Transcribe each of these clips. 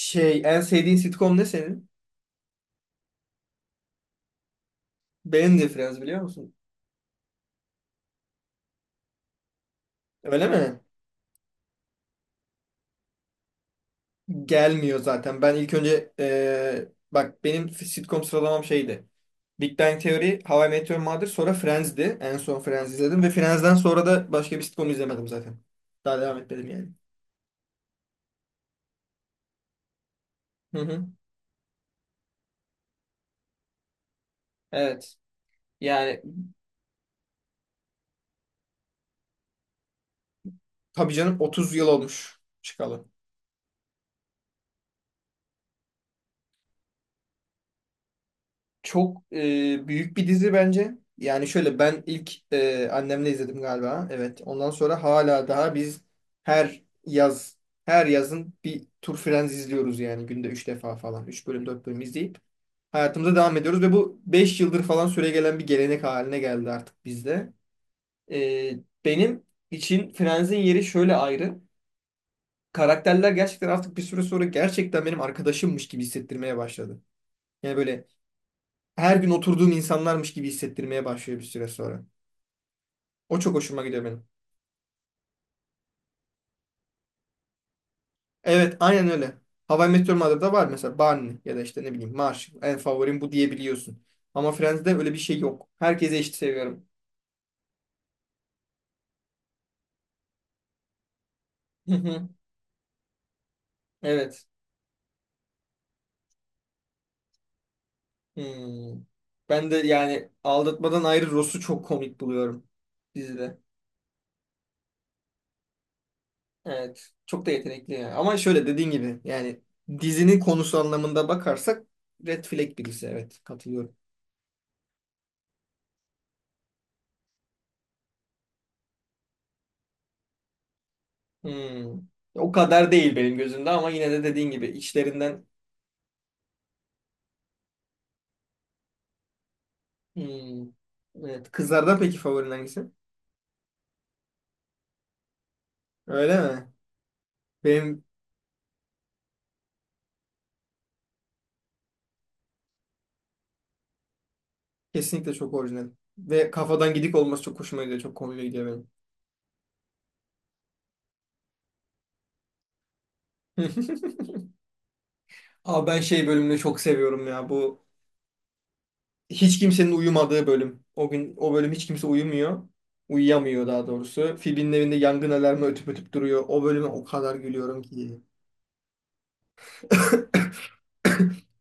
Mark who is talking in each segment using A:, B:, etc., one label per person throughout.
A: Şey, en sevdiğin sitcom ne senin? Benim de Friends biliyor musun? Öyle mi? Gelmiyor zaten. Ben ilk önce bak benim sitcom sıralamam şeydi. Big Bang Theory, How I Met Your Mother, sonra Friends'di. En son Friends izledim ve Friends'den sonra da başka bir sitcom izlemedim zaten. Daha devam etmedim yani. Hı hı. Evet. Yani tabii canım 30 yıl olmuş çıkalı. Çok büyük bir dizi bence. Yani şöyle ben ilk annemle izledim galiba. Evet. Ondan sonra hala daha biz her yaz her yazın bir Tur Friends izliyoruz yani günde 3 defa falan. Üç bölüm 4 bölüm izleyip hayatımıza devam ediyoruz ve bu 5 yıldır falan süregelen bir gelenek haline geldi artık bizde. E, benim için Friends'in yeri şöyle ayrı. Karakterler gerçekten artık bir süre sonra gerçekten benim arkadaşımmış gibi hissettirmeye başladı. Yani böyle her gün oturduğum insanlarmış gibi hissettirmeye başlıyor bir süre sonra. O çok hoşuma gidiyor benim. Evet, aynen öyle. How I Met Your Mother'da var mesela Barney ya da işte ne bileyim Marshall. En favorim bu diyebiliyorsun. Ama Friends'de öyle bir şey yok. Herkese eşit seviyorum. Hı hı, evet. Hmm. Ben de yani aldatmadan ayrı Ross'u çok komik buluyorum dizide. Evet. Çok da yetenekli yani. Ama şöyle dediğin gibi yani dizinin konusu anlamında bakarsak Red Flag birisi. Evet. Katılıyorum. Hmm. O kadar değil benim gözümde ama yine de dediğin gibi içlerinden. Hmm. Evet. Kızlardan peki favorin hangisi? Öyle mi? Benim kesinlikle çok orijinal. Ve kafadan gidik olması çok hoşuma gidiyor. Çok komik gidiyor benim. Abi ben şey bölümünü çok seviyorum ya. Bu hiç kimsenin uyumadığı bölüm. O gün o bölüm hiç kimse uyumuyor. Uyuyamıyor daha doğrusu. Phoebe'nin evinde yangın alarmı ötüp ötüp duruyor. O bölüme o kadar gülüyorum ki.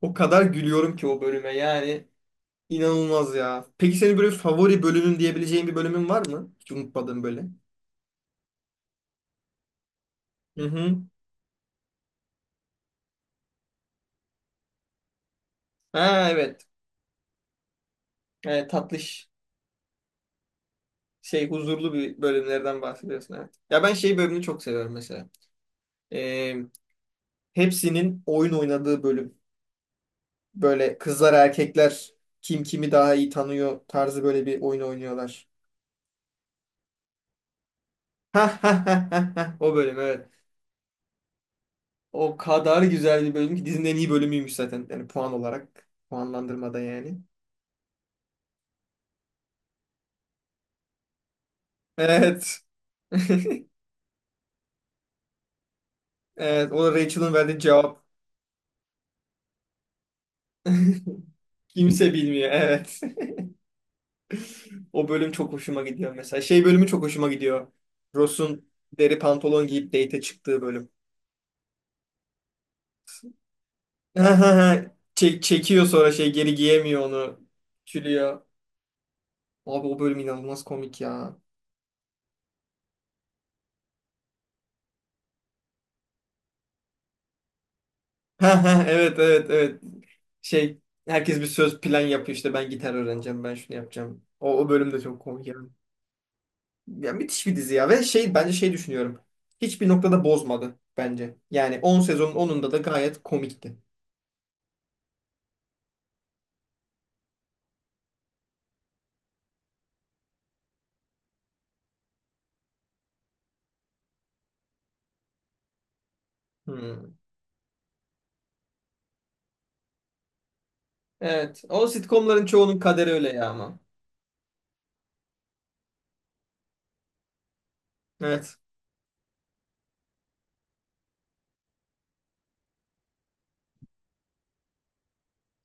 A: O kadar gülüyorum ki o bölüme yani. İnanılmaz ya. Peki senin böyle favori bölümün diyebileceğin bir bölümün var mı? Hiç unutmadığın böyle. Hı hı. Ha evet. Evet, tatlış şey huzurlu bir bölümlerden bahsediyorsun evet. Ya ben şey bölümünü çok seviyorum mesela. Ee, hepsinin oyun oynadığı bölüm. Böyle kızlar erkekler kim kimi daha iyi tanıyor tarzı böyle bir oyun oynuyorlar. Ha ha ha ha ha. O bölüm evet. O kadar güzel bir bölüm ki dizinin en iyi bölümüymüş zaten. Yani puan olarak. Puanlandırmada yani. Evet. Evet, o Rachel'ın verdiği cevap. Kimse bilmiyor, evet. O bölüm çok hoşuma gidiyor mesela. Şey bölümü çok hoşuma gidiyor. Ross'un deri pantolon giyip date'e çıktığı bölüm. Çekiyor sonra şey geri giyemiyor onu. Çürüyor. Abi o bölüm inanılmaz komik ya. Evet evet evet. Şey herkes bir söz plan yapıyor işte ben gitar öğreneceğim ben şunu yapacağım. O bölüm de çok komik ya. Ya müthiş bir dizi ya ve şey bence şey düşünüyorum. Hiçbir noktada bozmadı bence. Yani 10 sezonun 10'unda da gayet komikti. Hmm. Evet. O sitcomların çoğunun kaderi öyle ya ama. Evet.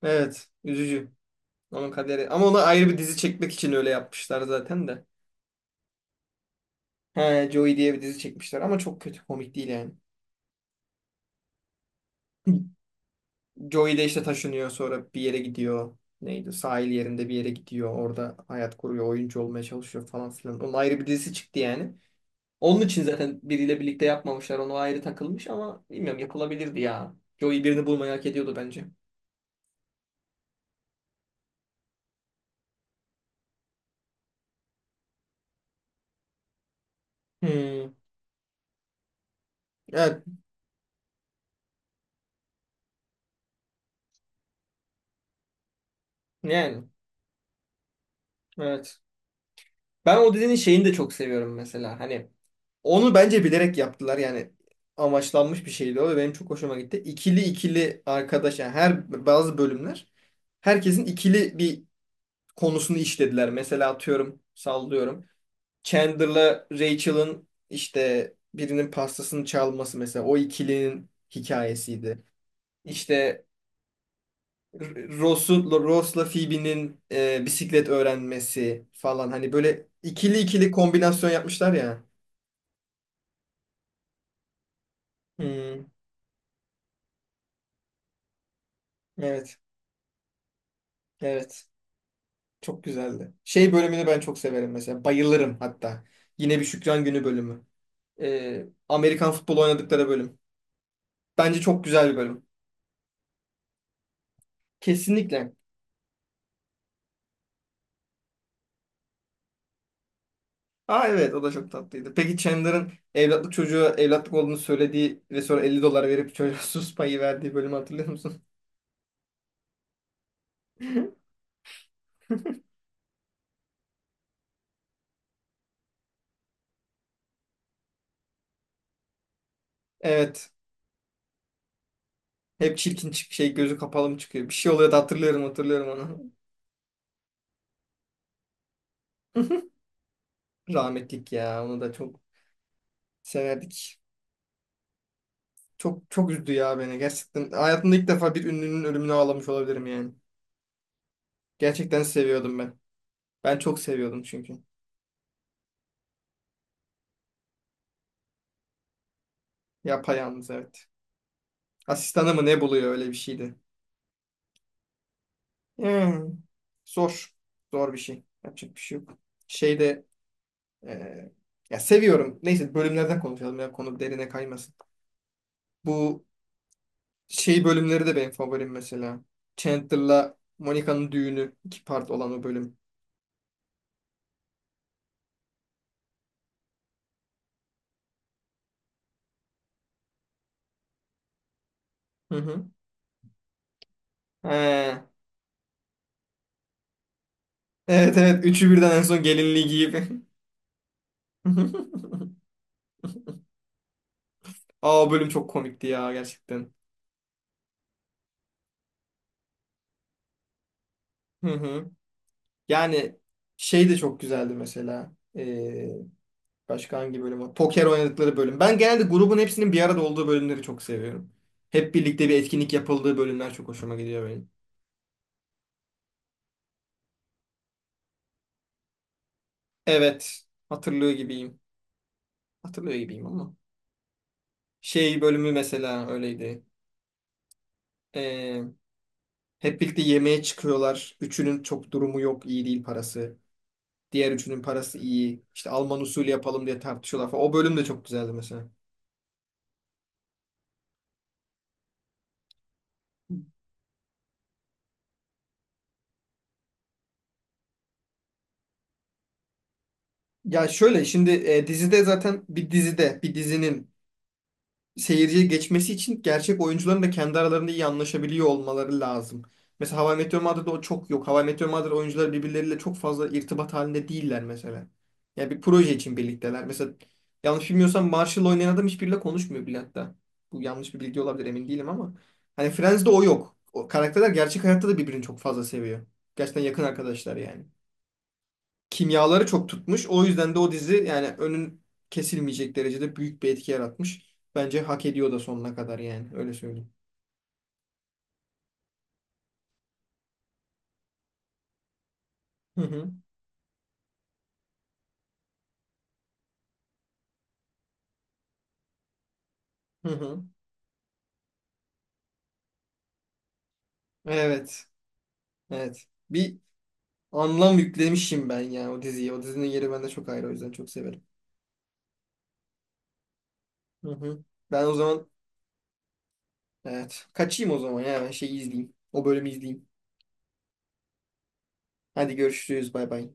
A: Evet. Üzücü. Onun kaderi. Ama ona ayrı bir dizi çekmek için öyle yapmışlar zaten de. He, Joey diye bir dizi çekmişler ama çok kötü. Komik değil yani. Joey de işte taşınıyor sonra bir yere gidiyor. Neydi? Sahil yerinde bir yere gidiyor. Orada hayat kuruyor. Oyuncu olmaya çalışıyor falan filan. Onun ayrı bir dizisi çıktı yani. Onun için zaten biriyle birlikte yapmamışlar. Onu ayrı takılmış ama bilmiyorum yapılabilirdi ya. Joey birini bulmayı hak ediyordu bence. Hmm, evet. Yani. Evet. Ben o dizinin şeyini de çok seviyorum mesela. Hani onu bence bilerek yaptılar. Yani amaçlanmış bir şeydi o ve benim çok hoşuma gitti. İkili ikili arkadaş yani her bazı bölümler herkesin ikili bir konusunu işlediler. Mesela atıyorum sallıyorum. Chandler'la Rachel'ın işte birinin pastasını çalması mesela o ikilinin hikayesiydi. İşte Ross'u, Ross'la Phoebe'nin bisiklet öğrenmesi falan hani böyle ikili ikili kombinasyon yapmışlar ya. Hmm, evet, evet. Çok güzeldi. Şey bölümünü ben çok severim mesela. Bayılırım hatta. Yine bir Şükran Günü bölümü. Amerikan futbolu oynadıkları bölüm. Bence çok güzel bir bölüm. Kesinlikle. Aa evet o da çok tatlıydı. Peki Chandler'ın evlatlık çocuğu evlatlık olduğunu söylediği ve sonra 50 dolar verip çocuğa sus payı verdiği bölümü hatırlıyor musun? Evet. Hep çirkin çık şey gözü kapalı mı çıkıyor? Bir şey oluyor da hatırlıyorum hatırlıyorum onu. Rahmetlik ya onu da çok severdik. Çok çok üzdü ya beni gerçekten. Hayatımda ilk defa bir ünlünün ölümüne ağlamış olabilirim yani. Gerçekten seviyordum ben. Ben çok seviyordum çünkü. Yapayalnız evet. Asistanı mı ne buluyor öyle bir şeydi. Hmm. Zor. Zor bir şey. Yapacak bir şey yok. Şeyde e, ya seviyorum. Neyse bölümlerden konuşalım ya konu derine kaymasın. Bu şey bölümleri de benim favorim mesela. Chandler'la Monica'nın düğünü 2 part olan o bölüm. Hı hı. He. Evet evet üçü birden en son gelinliği giyip. Aa o bölüm çok komikti ya gerçekten. Hı hı. Yani şey de çok güzeldi mesela. Ee, Başka hangi bölüm var? Poker oynadıkları bölüm. Ben genelde grubun hepsinin bir arada olduğu bölümleri çok seviyorum. Hep birlikte bir etkinlik yapıldığı bölümler çok hoşuma gidiyor benim. Evet. Hatırlıyor gibiyim. Hatırlıyor gibiyim ama. Şey bölümü mesela öyleydi. Ee, hep birlikte yemeğe çıkıyorlar. Üçünün çok durumu yok. İyi değil parası. Diğer üçünün parası iyi. İşte Alman usulü yapalım diye tartışıyorlar falan. O bölüm de çok güzeldi mesela. Ya şöyle şimdi dizide zaten bir dizinin seyirciye geçmesi için gerçek oyuncuların da kendi aralarında iyi anlaşabiliyor olmaları lazım. Mesela How I Met Your Mother'da o çok yok. How I Met Your Mother oyuncuları birbirleriyle çok fazla irtibat halinde değiller mesela. Yani bir proje için birlikteler. Mesela yanlış bilmiyorsam Marshall oynayan adam hiçbiriyle konuşmuyor bile hatta. Bu yanlış bir bilgi olabilir emin değilim ama. Hani Friends'de o yok. O karakterler gerçek hayatta da birbirini çok fazla seviyor. Gerçekten yakın arkadaşlar yani kimyaları çok tutmuş. O yüzden de o dizi yani kesilmeyecek derecede büyük bir etki yaratmış. Bence hak ediyor da sonuna kadar yani öyle söyleyeyim. Hı hı. Hı hı. Evet. Evet. Bir anlam yüklemişim ben yani o diziye. O dizinin yeri bende çok ayrı o yüzden çok severim. Hı hı. Ben o zaman evet kaçayım o zaman ya ben şeyi izleyeyim. O bölümü izleyeyim. Hadi görüşürüz bay bay.